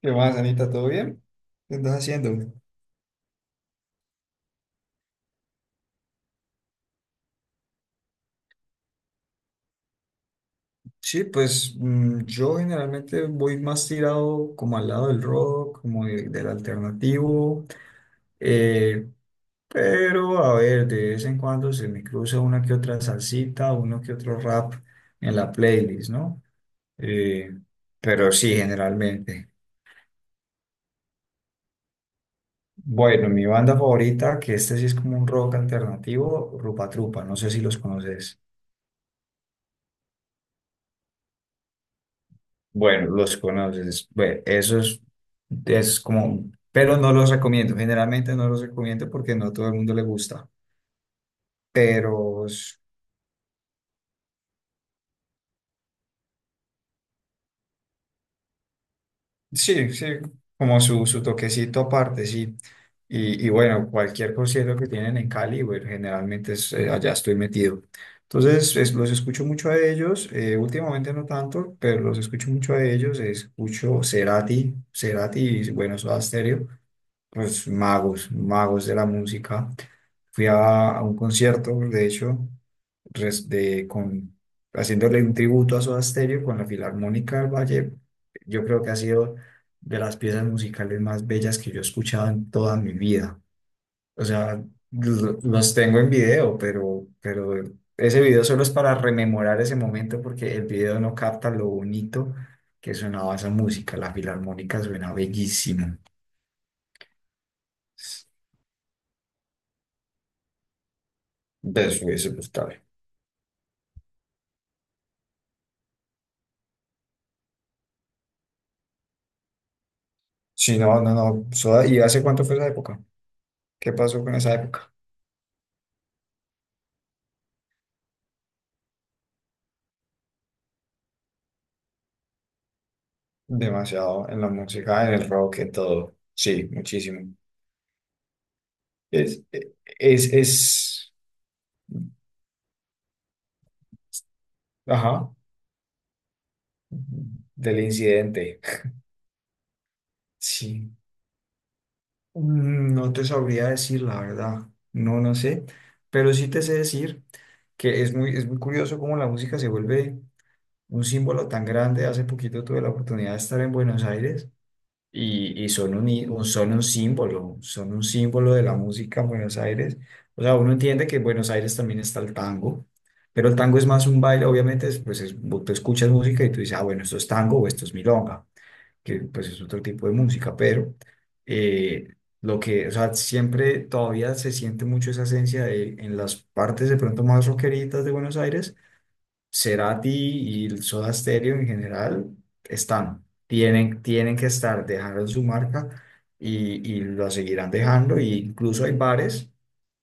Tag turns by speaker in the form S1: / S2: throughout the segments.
S1: ¿Qué más, Anita? ¿Todo bien? ¿Qué estás haciendo? Yo generalmente voy más tirado como al lado del rock, como del alternativo. Eh, pero a ver, de vez en cuando se me cruza una que otra salsita, uno que otro rap en la playlist, ¿no? Eh, pero sí, generalmente. Bueno, mi banda favorita, que este sí es como un rock alternativo, Rupa Trupa, no sé si los conoces. Bueno, los conoces. Bueno, eso es como, pero no los recomiendo. Generalmente no los recomiendo porque no todo el mundo le gusta. Pero s- sí, sí, como su toquecito aparte, sí. Y bueno, cualquier concierto que tienen en Cali, bueno, generalmente es, allá estoy metido. Entonces, los escucho mucho a ellos. Últimamente no tanto, pero los escucho mucho a ellos. Escucho Cerati y bueno, Soda Stereo. Pues magos, magos de la música. Fui a un concierto, de hecho, res- de, con, haciéndole un tributo a Soda Stereo con la Filarmónica del Valle. Yo creo que ha sido de las piezas musicales más bellas que yo he escuchado en toda mi vida. O sea, los tengo en video, pero ese video solo es para rememorar ese momento porque el video no capta lo bonito que sonaba esa música. La Filarmónica suena bellísimo. De hubiese pues claro. Sí, no, no, no. Soda- ¿Y hace cuánto fue esa época? ¿Qué pasó con esa época? Demasiado en la música, en el rock, en todo. Sí, muchísimo. Es, es, es, ajá, del incidente. Sí. Mm, no te sabría decir la verdad. No, no sé. Pero sí te sé decir que es muy curioso cómo la música se vuelve un símbolo tan grande. Hace poquito tuve la oportunidad de estar en Buenos Aires y son un, son un símbolo de la música en Buenos Aires. O sea, uno entiende que en Buenos Aires también está el tango, pero el tango es más un baile, obviamente, es, pues vos te escuchas música y tú dices, ah, bueno, esto es tango o esto es milonga, que pues es otro tipo de música, pero eh, lo que, o sea, siempre todavía se siente mucho esa esencia de, en las partes de pronto más rockeritas de Buenos Aires. Cerati y el Soda Stereo en general están, tienen que estar, dejaron su marca y la seguirán dejando. Y incluso hay bares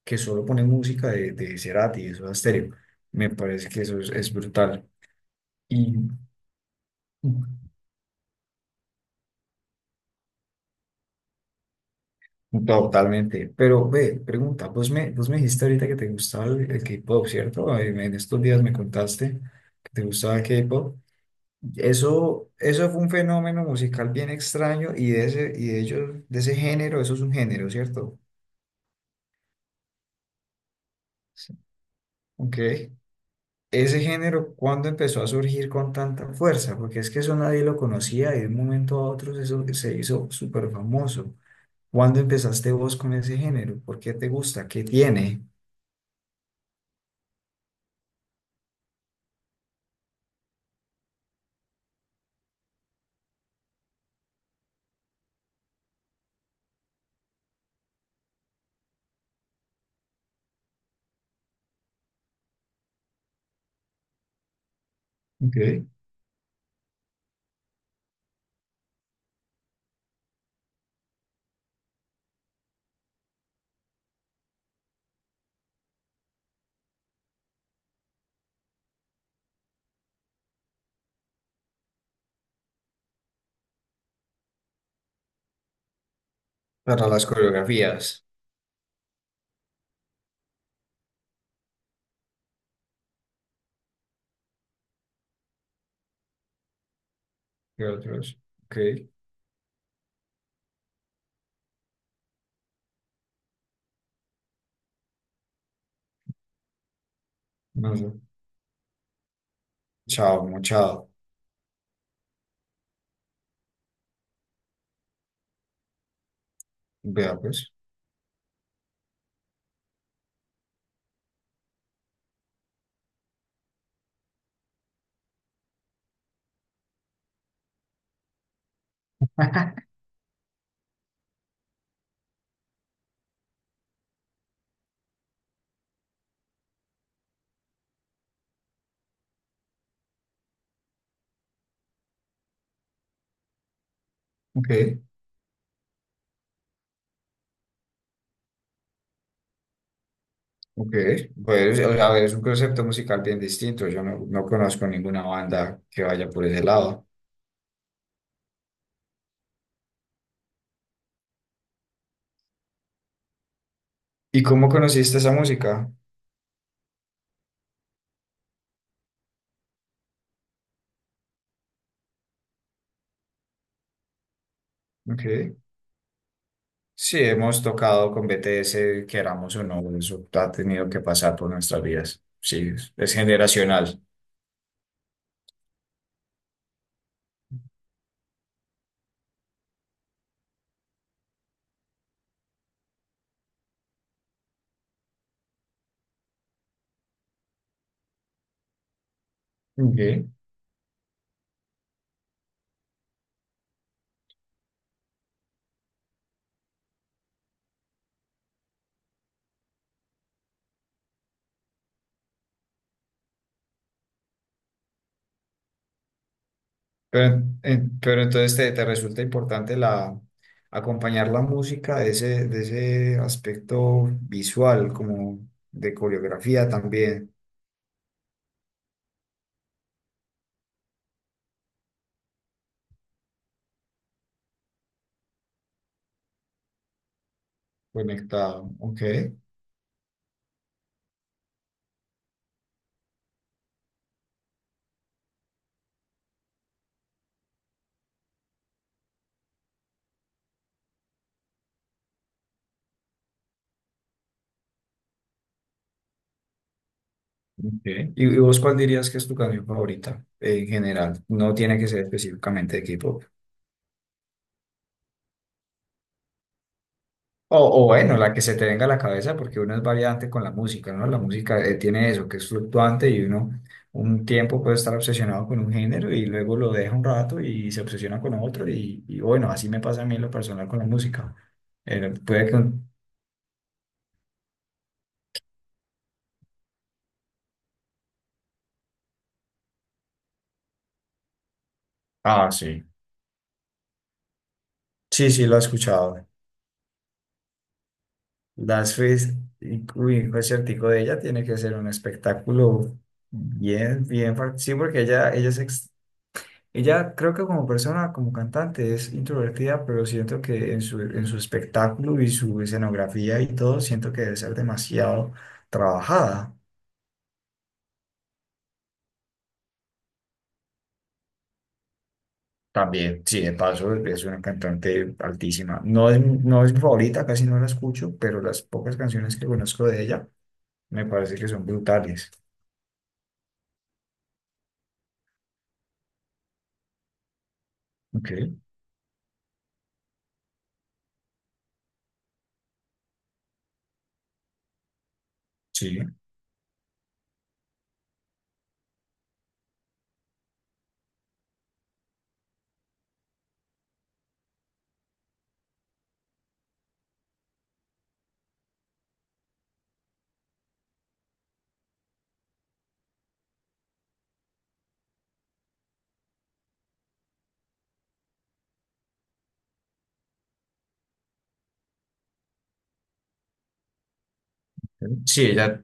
S1: que solo ponen música de Cerati y de Soda Stereo. Me parece que eso es brutal. Y totalmente. Pero ve, pregunta, vos me dijiste ahorita que te gustaba el K-pop, ¿cierto? En estos días me contaste que te gustaba el K-pop. Eso fue un fenómeno musical bien extraño y de ese, y de ellos, de ese género, eso es un género, ¿cierto? Sí. Ok. Ese género, ¿cuándo empezó a surgir con tanta fuerza? Porque es que eso nadie lo conocía y de un momento a otro eso se hizo súper famoso. ¿Cuándo empezaste vos con ese género? ¿Por qué te gusta? ¿Qué tiene? Ok. Para las coreografías. ¿Qué otros? Ok. No sé. Chao, mochado. Vea pues. Ok. Ok, pues o sea, es un concepto musical bien distinto. Yo no, no conozco ninguna banda que vaya por ese lado. ¿Y cómo conociste esa música? Ok. Sí, hemos tocado con BTS, queramos o no, eso ha tenido que pasar por nuestras vidas. Sí, es generacional. Ok. Pero entonces te resulta importante la, acompañar la música de ese aspecto visual, como de coreografía también conectado. Ok. Ok. ¿Y vos cuál dirías que es tu canción favorita en general? No tiene que ser específicamente de K-pop. O bueno, la que se te venga a la cabeza, porque uno es variante con la música, ¿no? La música tiene eso, que es fluctuante y uno un tiempo puede estar obsesionado con un género y luego lo deja un rato y se obsesiona con otro y bueno, así me pasa a mí en lo personal con la música. Eh, puede que un- Ah, sí. Sí, sí, lo he escuchado. Das Fest, uy, un conciertico de ella tiene que ser un espectáculo bien, bien, fuerte. Sí, porque ella ella creo que como persona, como cantante es introvertida, pero siento que en en su espectáculo y su escenografía y todo, siento que debe ser demasiado trabajada. También, sí, de paso es una cantante altísima. No es, no es mi favorita, casi no la escucho, pero las pocas canciones que conozco de ella me parece que son brutales. Ok, sí. Sí, ella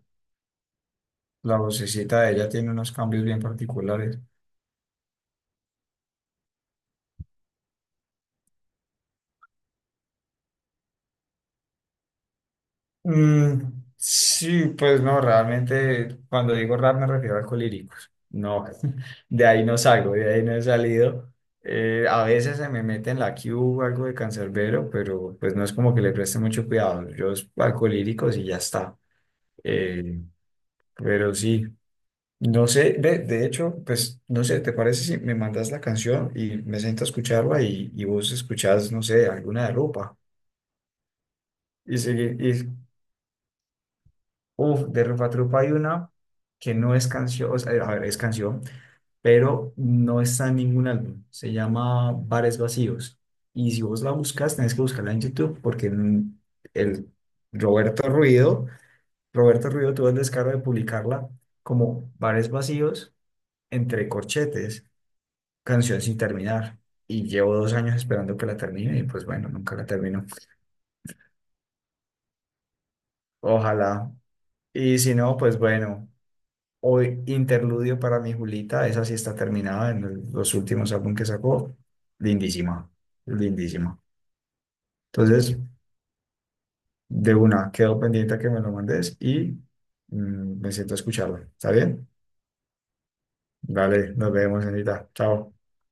S1: La vocecita de ella tiene unos cambios bien particulares. Mm, sí, pues no, realmente cuando digo rap me refiero a colíricos. No, de ahí no salgo, de ahí no he salido. A veces se me mete en la Q algo de cancerbero, pero pues no es como que le preste mucho cuidado. Yo es alcolíricos y ya está. Eh, pero sí, no sé, de hecho, pues no sé, ¿te parece si me mandas la canción y me siento a escucharla y vos escuchás, no sé, alguna de Rupa? Y, sigue- y Uff, de Rupa Trupa hay una que no es canción, o sea, a ver, es canción, pero no está en ningún álbum. Se llama Bares Vacíos. Y si vos la buscas, tenés que buscarla en YouTube porque en- el Roberto Roberto Ruido tuvo el descaro de publicarla como Bares Vacíos entre corchetes, canción sin terminar. Y llevo 2 años esperando que la termine y pues bueno, nunca la termino. Ojalá. Y si no, pues bueno. O Interludio para mi Julita, esa sí está terminada en los últimos álbumes que sacó. Lindísima, lindísima. Entonces, de una, quedo pendiente a que me lo mandes y mm, me siento a escucharlo. ¿Está bien? Dale, nos vemos, señorita. Chao.